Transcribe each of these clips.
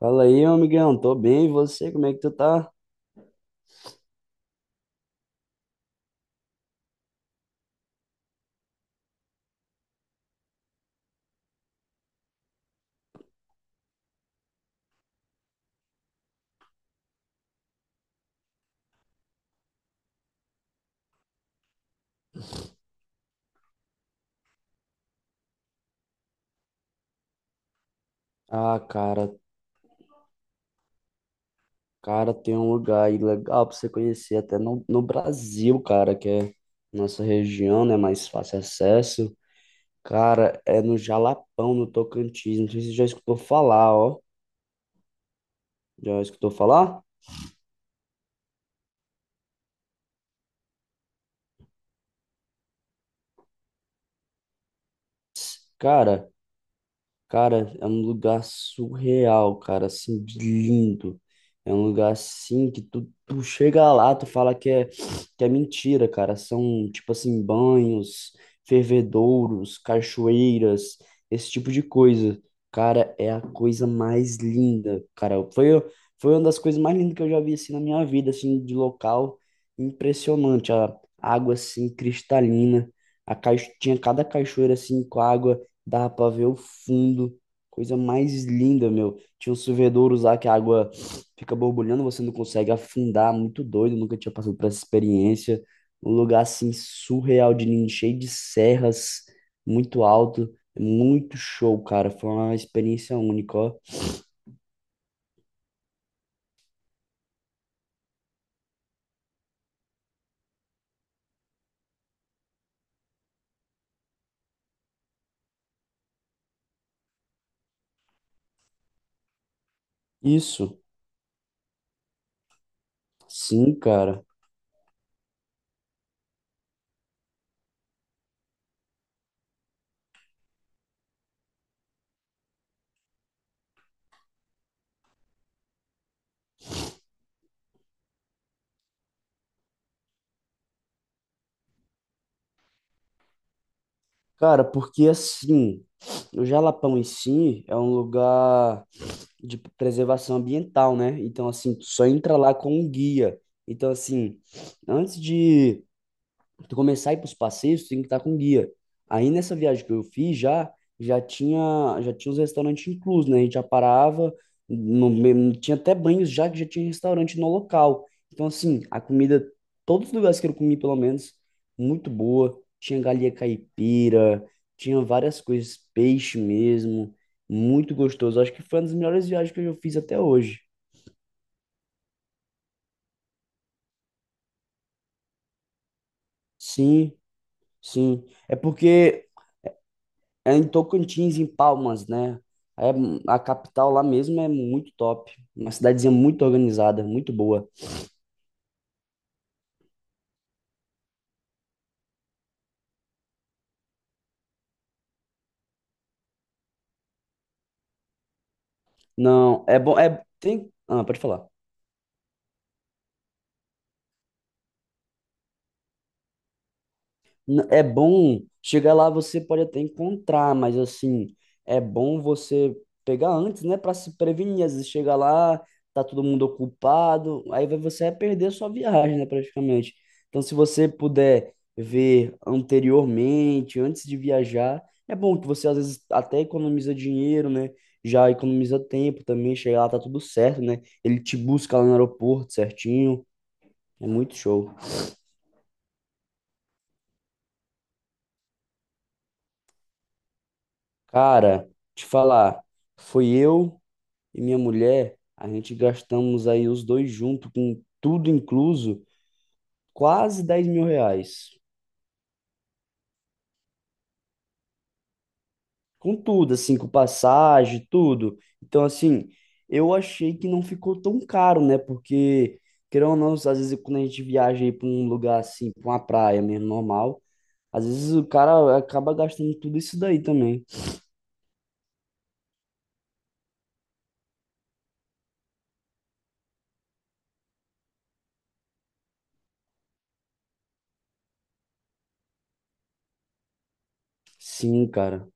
Fala aí, meu amigão, tô bem, e você, como é que tu tá? Ah, cara, tem um lugar aí legal pra você conhecer, até no Brasil, cara, que é nossa região, né, mais fácil acesso. Cara, é no Jalapão, no Tocantins, não sei se você já escutou falar, ó. Já escutou falar? Cara, Cara, é um lugar surreal, cara, assim, de lindo. É um lugar assim que tu chega lá, tu fala que é mentira, cara. São, tipo assim, banhos, fervedouros, cachoeiras, esse tipo de coisa. Cara, é a coisa mais linda, cara. Foi uma das coisas mais lindas que eu já vi, assim, na minha vida, assim, de local. Impressionante, a água, assim, cristalina. A caixa, tinha cada cachoeira, assim, com água dava pra ver o fundo. Coisa mais linda, meu. Tinha uns fervedouros lá que a água fica borbulhando, você não consegue afundar. Muito doido, nunca tinha passado por essa experiência. Um lugar assim surreal de lindo, cheio de serras, muito alto. Muito show, cara. Foi uma experiência única, ó. Isso, sim, cara. Cara, porque assim, o Jalapão em si é um lugar de preservação ambiental, né? Então, assim, tu só entra lá com um guia. Então, assim, antes de tu começar a ir para os passeios, tu tem que estar com guia. Aí nessa viagem que eu fiz já, já tinha os restaurantes inclusos, né? A gente já parava, no, me- tinha até banhos já que já tinha restaurante no local. Então assim, a comida, todos os lugares que eu comi pelo menos, muito boa. Tinha galinha caipira, tinha várias coisas, peixe mesmo, muito gostoso. Acho que foi uma das melhores viagens que eu já fiz até hoje. Sim, sim. É porque é em Tocantins, em Palmas, né? É, a capital lá mesmo é muito top. Uma cidadezinha muito organizada, muito boa. Não, é bom. É, tem, ah, pode falar. N- É bom, chegar lá você pode até encontrar, mas assim, é bom você pegar antes, né, para se prevenir. Às vezes chega lá, tá todo mundo ocupado, aí vai- você vai perder a sua viagem, né, praticamente. Então, se você puder ver anteriormente, antes de viajar, é bom que você às vezes até economiza dinheiro, né? Já economiza tempo também, chegar lá tá tudo certo, né? Ele te busca lá no aeroporto certinho, é muito show. Cara, te falar, foi eu e minha mulher, a gente gastamos aí os dois juntos, com tudo incluso, quase 10 mil reais. Com tudo, assim, com passagem, tudo. Então, assim, eu achei que não ficou tão caro, né? Porque, querendo ou não, às vezes quando a gente viaja aí para um lugar assim, para uma praia mesmo, normal, às vezes o cara acaba gastando tudo isso daí também. Sim, cara.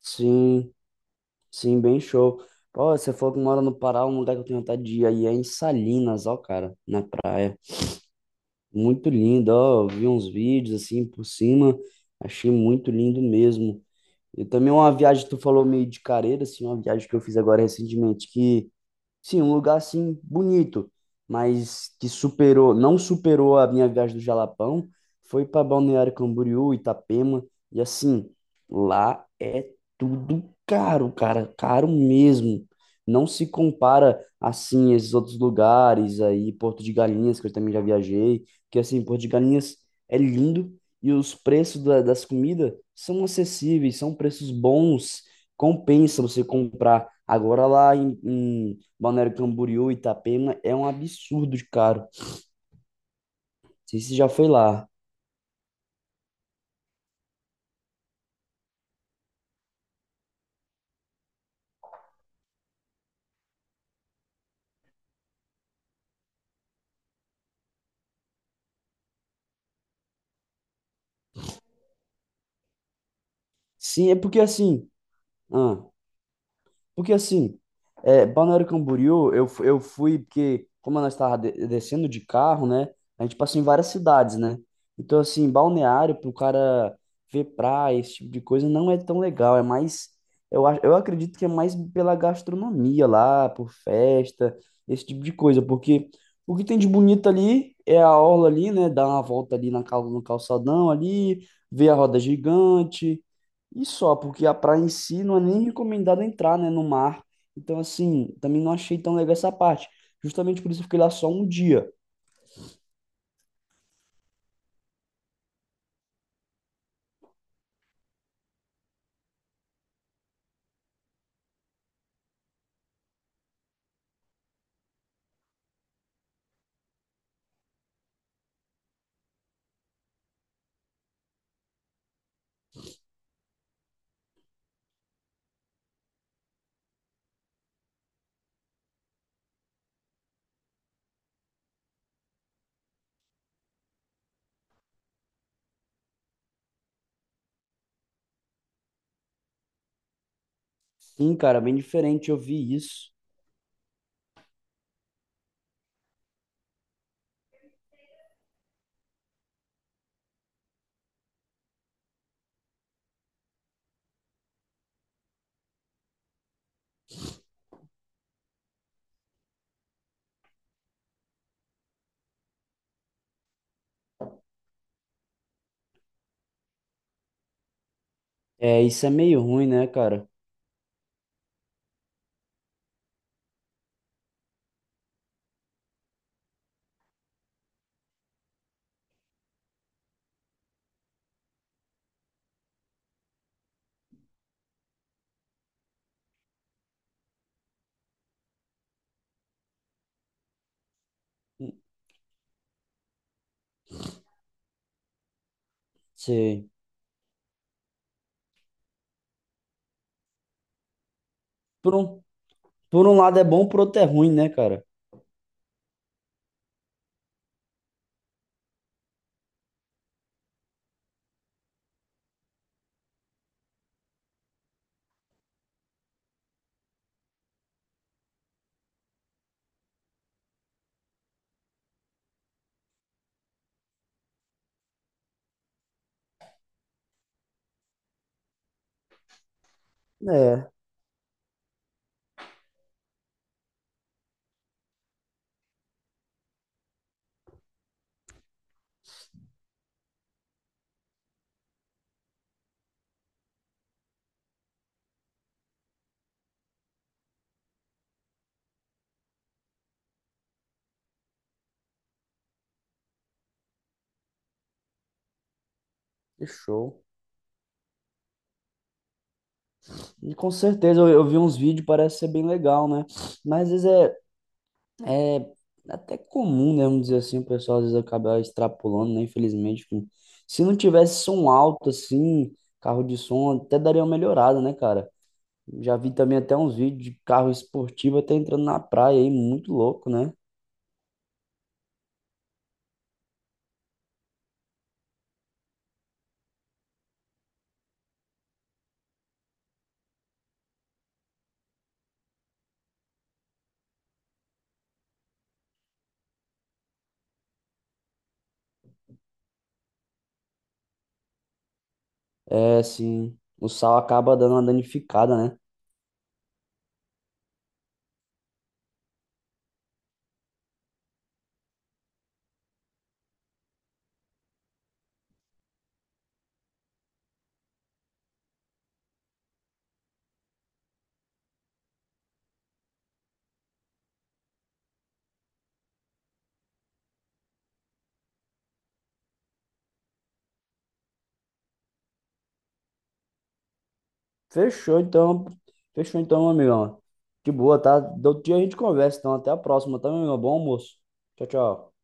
Sim, sim, bem show. Pô, você falou que mora no Pará, um lugar que eu tenho vontade de ir aí é em Salinas, ó, cara, na praia. Muito lindo, ó, eu vi uns vídeos assim por cima, achei muito lindo mesmo. E também uma viagem que tu falou meio de careira, assim, uma viagem que eu fiz agora recentemente, que sim, um lugar assim bonito, mas que superou, não superou a minha viagem do Jalapão, foi para Balneário Camboriú, Itapema, e assim, lá é tudo caro, cara, caro mesmo. Não se compara assim a esses outros lugares aí, Porto de Galinhas, que eu também já viajei, que assim, Porto de Galinhas é lindo e os preços da- das comidas são acessíveis, são preços bons, compensa você comprar. Agora lá em Balneário Camboriú, Itapema, é um absurdo de caro. Não sei se você já foi lá. Sim, é porque assim. Ah, porque assim, é, Balneário Camboriú, eu, fu- eu fui, porque como nós estávamos descendo de carro, né? A gente passou em várias cidades, né? Então, assim, balneário, para o cara ver praia, esse tipo de coisa, não é tão legal. É mais, eu, a- eu acredito que é mais pela gastronomia lá, por festa, esse tipo de coisa. Porque o que tem de bonito ali é a orla ali, né? Dar uma volta ali na, cal- no calçadão ali, ver a roda gigante. E só, porque a praia em si não é nem recomendado entrar, né, no mar. Então, assim, também não achei tão legal essa parte. Justamente por isso eu fiquei lá só um dia. Sim, cara, bem diferente, eu vi isso. É, isso é meio ruim, né, cara? Sei. Por um, por um lado é bom, por outro é ruim, né, cara? É, que show. E com certeza eu vi uns vídeos, parece ser bem legal, né? Mas às vezes é, é até comum, né? Vamos dizer assim, o pessoal às vezes acaba extrapolando, né? Infelizmente. Que se não tivesse som alto, assim, carro de som, até daria uma melhorada, né, cara? Já vi também até uns vídeos de carro esportivo até entrando na praia aí, muito louco, né? É assim, o sal acaba dando uma danificada, né? Fechou então, meu amigão. De boa, tá? Do outro dia a gente conversa, então até a próxima, tá, meu amigão? Bom almoço. Tchau, tchau.